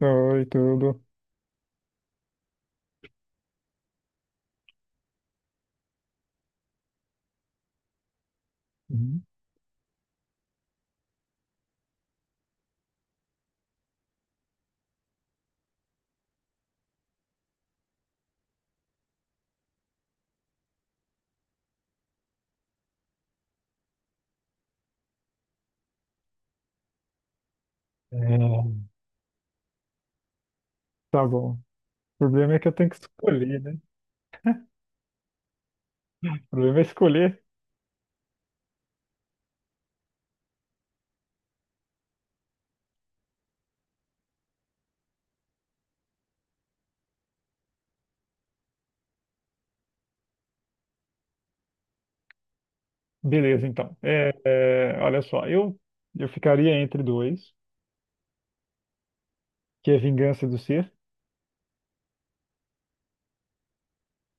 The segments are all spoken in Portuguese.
Oi, tudo. Uhum. É, Tá bom. O problema é que eu tenho que escolher, né? O problema é escolher. Beleza, então. Olha só, eu ficaria entre dois, que é Vingança do Ser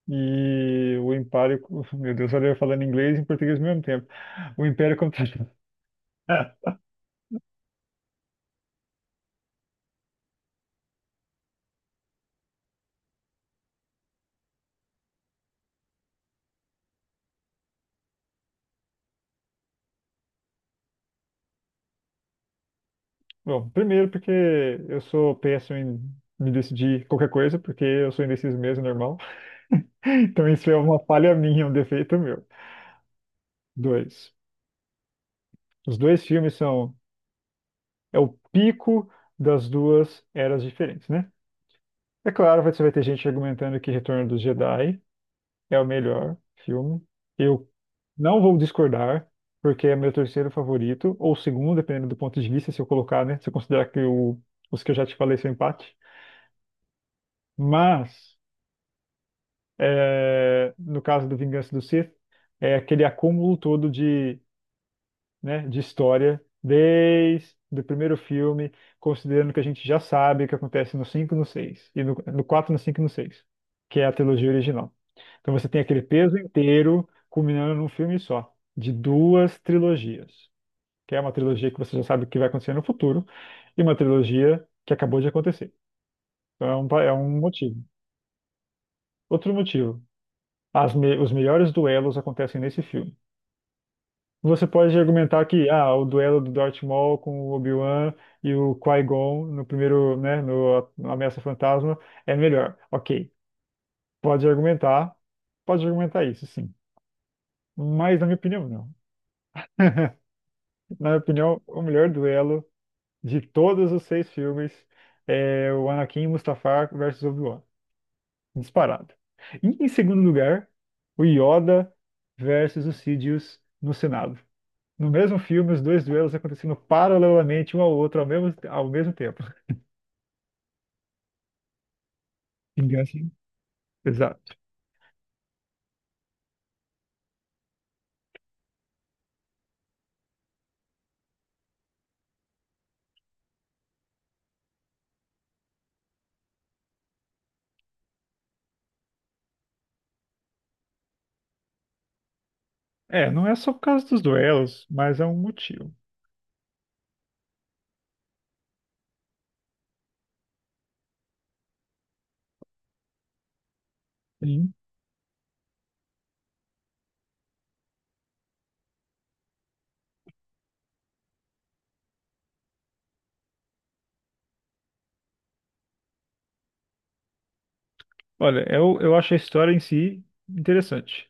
e o Império. Meu Deus, olha eu falando inglês e em português ao mesmo tempo. O Império contra. Bom, primeiro porque eu sou péssimo em me decidir qualquer coisa, porque eu sou indeciso mesmo, normal. Então isso é uma falha minha, um defeito meu. Dois. Os dois filmes são é o pico das duas eras diferentes, né? É claro, você vai ter gente argumentando que Retorno dos Jedi é o melhor filme. Eu não vou discordar, porque é meu terceiro favorito, ou segundo, dependendo do ponto de vista, se eu colocar, né? Se eu considerar que os que eu já te falei são empate. Mas, é, no caso do Vingança do Sith, é aquele acúmulo todo de né, de história desde o primeiro filme, considerando que a gente já sabe o que acontece no 5, no 6 e no 4, no 5, e no 6, que é a trilogia original. Então você tem aquele peso inteiro culminando num filme só, de duas trilogias, que é uma trilogia que você já sabe o que vai acontecer no futuro, e uma trilogia que acabou de acontecer. Então é é um motivo. Outro motivo, os melhores duelos acontecem nesse filme. Você pode argumentar que ah, o duelo do Darth Maul com o Obi-Wan e o Qui-Gon no primeiro, né, no Ameaça Fantasma é melhor. Ok, pode argumentar, pode argumentar isso, sim. Mas na minha opinião, não. Na minha opinião, o melhor duelo de todos os seis filmes é o Anakin Mustafar versus Obi-Wan, disparado. E em segundo lugar, o Yoda versus o Sidious no Senado. No mesmo filme, os dois duelos acontecendo paralelamente um ao outro ao mesmo tempo. Vingança. Exato. É, não é só por causa dos duelos, mas é um motivo. Sim. Olha, eu acho a história em si interessante.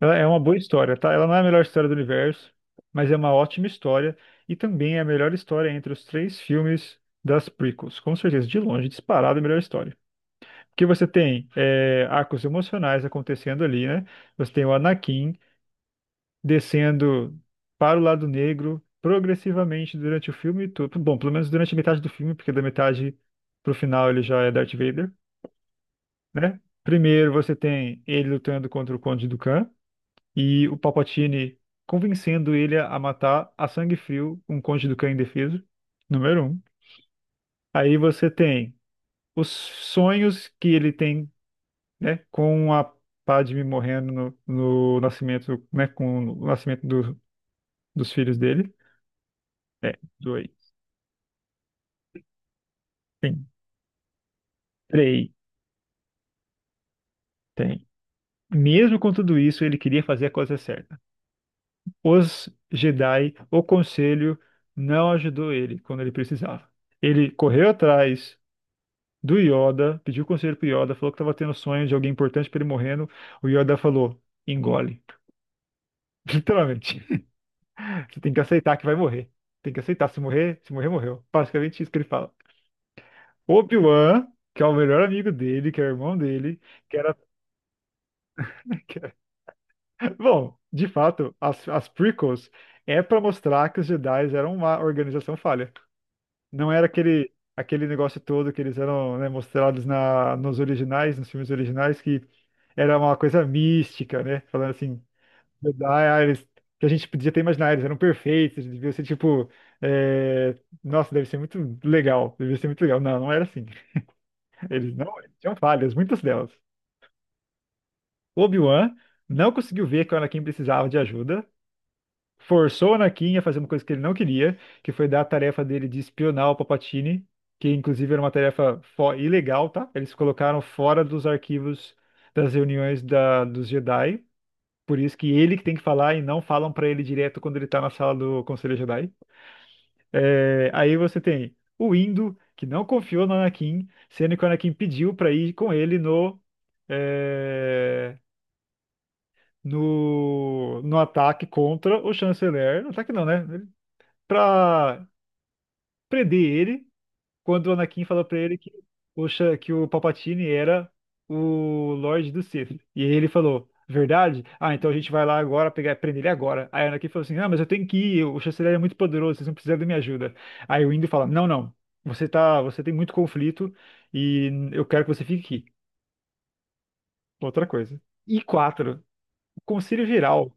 Ela é uma boa história, tá? Ela não é a melhor história do universo, mas é uma ótima história e também é a melhor história entre os três filmes das prequels. Com certeza, de longe, disparada a melhor história. Porque você tem é, arcos emocionais acontecendo ali, né? Você tem o Anakin. Descendo para o lado negro progressivamente durante o filme todo. Bom, pelo menos durante a metade do filme, porque da metade pro final ele já é Darth Vader, né? Primeiro você tem ele lutando contra o Conde Dooku e o Palpatine convencendo ele a matar a sangue frio um Conde Dooku indefeso, número um. Aí você tem os sonhos que ele tem, né, com a Padme morrendo no nascimento, né, com o nascimento dos filhos dele. É, dois. Tem, três, tem. Mesmo com tudo isso, ele queria fazer a coisa certa. Os Jedi, o Conselho, não ajudou ele quando ele precisava. Ele correu atrás do Yoda, pediu conselho pro Yoda, falou que estava tendo sonho de alguém importante para ele morrendo. O Yoda falou: engole. Literalmente. Você tem que aceitar que vai morrer. Tem que aceitar. Se morrer, se morrer, morreu. Basicamente isso que ele fala. Obi-Wan, que é o melhor amigo dele, que é o irmão dele, que era. Bom, de fato, as prequels é para mostrar que os Jedi eram uma organização falha. Não era aquele negócio todo que eles eram, né, mostrados nos originais, nos filmes originais, que era uma coisa mística, né? Falando assim, Jedi, ah, eles, que a gente podia até imaginar, eles eram perfeitos, eles deviam ser tipo, é, nossa, deve ser muito legal, devia ser muito legal. Não, não era assim. Eles não, eles tinham falhas, muitas delas. Obi-Wan não conseguiu ver que o Anakin precisava de ajuda, forçou o Anakin a fazer uma coisa que ele não queria, que foi dar a tarefa dele de espionar o Palpatine, que inclusive era uma tarefa ilegal, tá? Eles colocaram fora dos arquivos das reuniões dos Jedi, por isso que ele que tem que falar e não falam pra ele direto quando ele tá na sala do Conselho Jedi. É, aí você tem o Indo, que não confiou no Anakin, sendo que o Anakin pediu pra ir com ele no é, no, no ataque contra o chanceler. No ataque não, né? pra prender ele quando o Anakin fala pra ele que o, que o Palpatine era o Lorde do Sith. E aí ele falou, verdade? Ah, então a gente vai lá agora pegar, prender ele agora. Aí o Anakin falou assim, ah, mas eu tenho que ir, o chanceler é muito poderoso, vocês não precisam da minha ajuda. Aí o Indo fala, não, não, você tá, você tem muito conflito e eu quero que você fique aqui. Outra coisa. E quatro, o Conselho Geral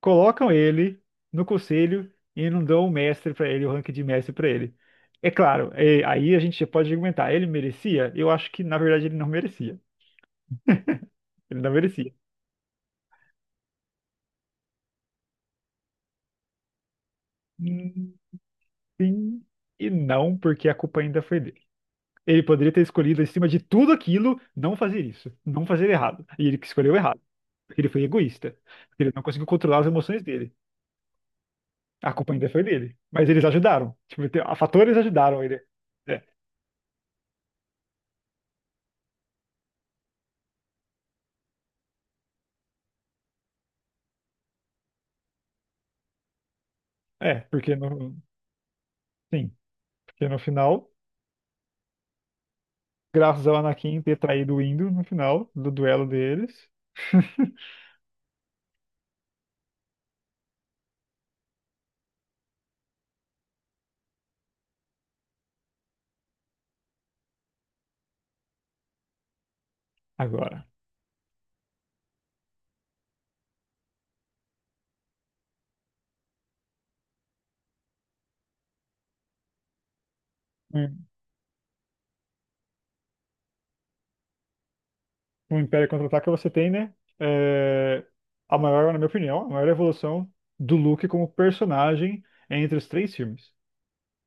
colocam ele no conselho e não dão o mestre para ele, o rank de mestre para ele. É claro, aí a gente pode argumentar, ele merecia? Eu acho que na verdade ele não merecia. Ele não merecia. Hum, Sim e não, porque a culpa ainda foi dele. Ele poderia ter escolhido, acima de tudo aquilo, não fazer isso, não fazer errado. E ele que escolheu errado, porque ele foi egoísta, porque ele não conseguiu controlar as emoções dele. A culpa ainda foi dele, mas eles ajudaram. Tipo, a fatores ajudaram ele. É, é, porque no, sim, porque no final graças ao Anakin ter traído o Indo no final do duelo deles. Agora, um um Império Contra-Ataca você tem, né? é, a maior, na minha opinião, a maior evolução do Luke como personagem entre os três filmes.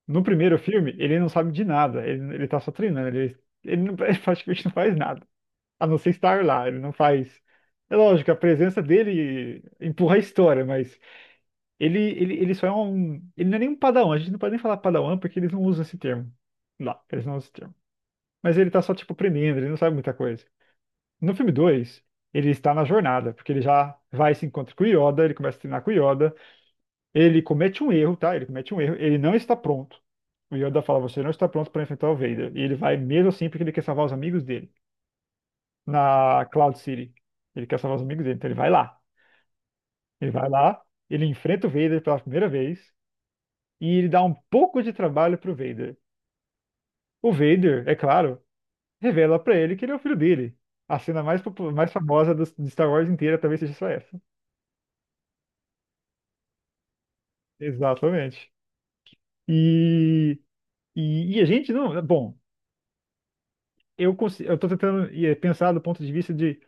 No primeiro filme, ele não sabe de nada, ele tá só treinando, não, ele praticamente não faz nada, a não ser estar lá, ele não faz. É lógico, a presença dele empurra a história, mas ele só é um. Ele não é nem um padawan, a gente não pode nem falar padawan porque eles não usam esse termo. Lá, eles não usam esse termo. Mas ele tá só, tipo, aprendendo, ele não sabe muita coisa. No filme 2, ele está na jornada, porque ele já vai e se encontra com o Yoda, ele começa a treinar com o Yoda, ele comete um erro, tá? Ele comete um erro, ele não está pronto. O Yoda fala, você não está pronto para enfrentar o Vader. E ele vai mesmo assim porque ele quer salvar os amigos dele. Na Cloud City. Ele quer salvar os amigos dele, então ele vai lá. Ele vai lá, ele enfrenta o Vader pela primeira vez, e ele dá um pouco de trabalho pro Vader. O Vader, é claro, revela pra ele que ele é o filho dele. A cena mais, mais famosa do, de Star Wars inteira talvez seja só essa. Exatamente. E, e a gente não. Bom, eu, eu tô tentando pensar do ponto de vista de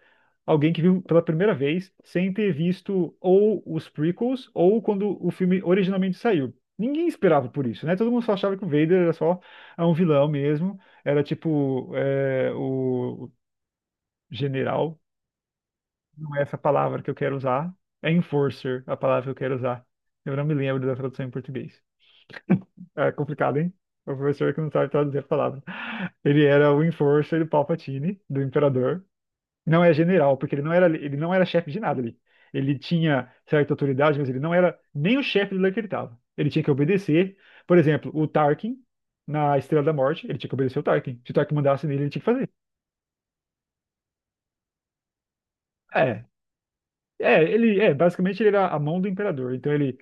alguém que viu pela primeira vez sem ter visto ou os prequels ou quando o filme originalmente saiu. Ninguém esperava por isso, né? Todo mundo só achava que o Vader era só ah, um vilão mesmo. Era tipo o general, não é essa a palavra que eu quero usar, é enforcer a palavra que eu quero usar. Eu não me lembro da tradução em português. É complicado, hein? O professor que não sabe traduzir a palavra. Ele era o enforcer do Palpatine, do imperador. Não é general, porque ele não era chefe de nada ali. Ele tinha certa autoridade, mas ele não era nem o chefe do lugar que ele estava. Ele tinha que obedecer. Por exemplo, o Tarkin, na Estrela da Morte, ele tinha que obedecer o Tarkin. Se o Tarkin mandasse nele, ele tinha que fazer. É, é, ele é basicamente ele era a mão do imperador. Então ele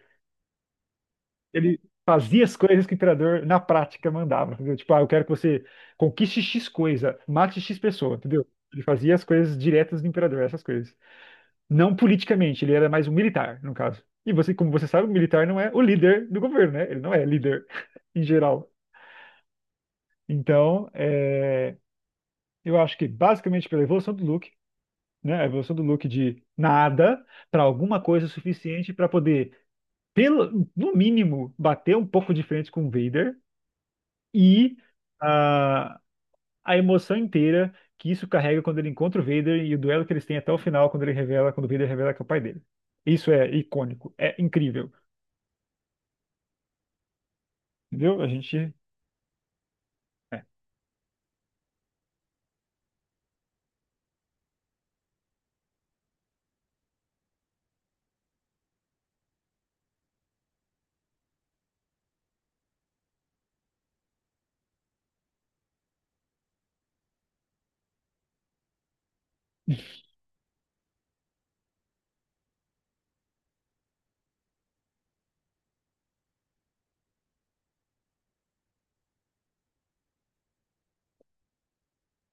ele fazia as coisas que o imperador na prática mandava, entendeu? Tipo, ah, eu quero que você conquiste X coisa, mate X pessoa, entendeu? Ele fazia as coisas diretas do imperador, essas coisas. Não politicamente, ele era mais um militar, no caso. E você, como você sabe, o militar não é o líder do governo, né? Ele não é líder em geral. Então, é, eu acho que basicamente pela evolução do Luke, né? A evolução do Luke de nada para alguma coisa suficiente para poder, pelo, no mínimo, bater um pouco de frente com o Vader e a, a emoção inteira que isso carrega quando ele encontra o Vader e o duelo que eles têm até o final quando ele revela, quando o Vader revela que é o pai dele. Isso é icônico, é incrível, entendeu? A gente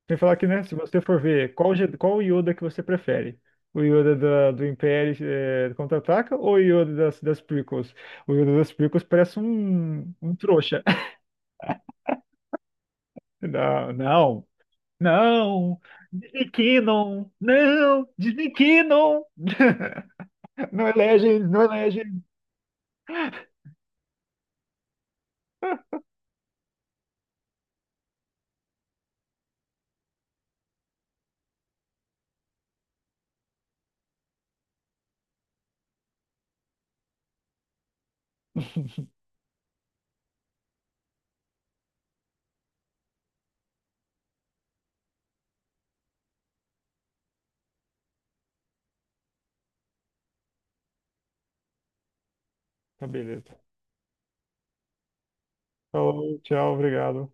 tem que falar que, né, se você for ver qual, qual Yoda que você prefere, o Yoda do Império Contra-Ataca ou o Yoda das prequels? O Yoda das prequels parece um trouxa. Não, não, não, Disney Canon, Disney Canon, não é Legends, não é Legends. Tá beleza. Falou, tchau, obrigado.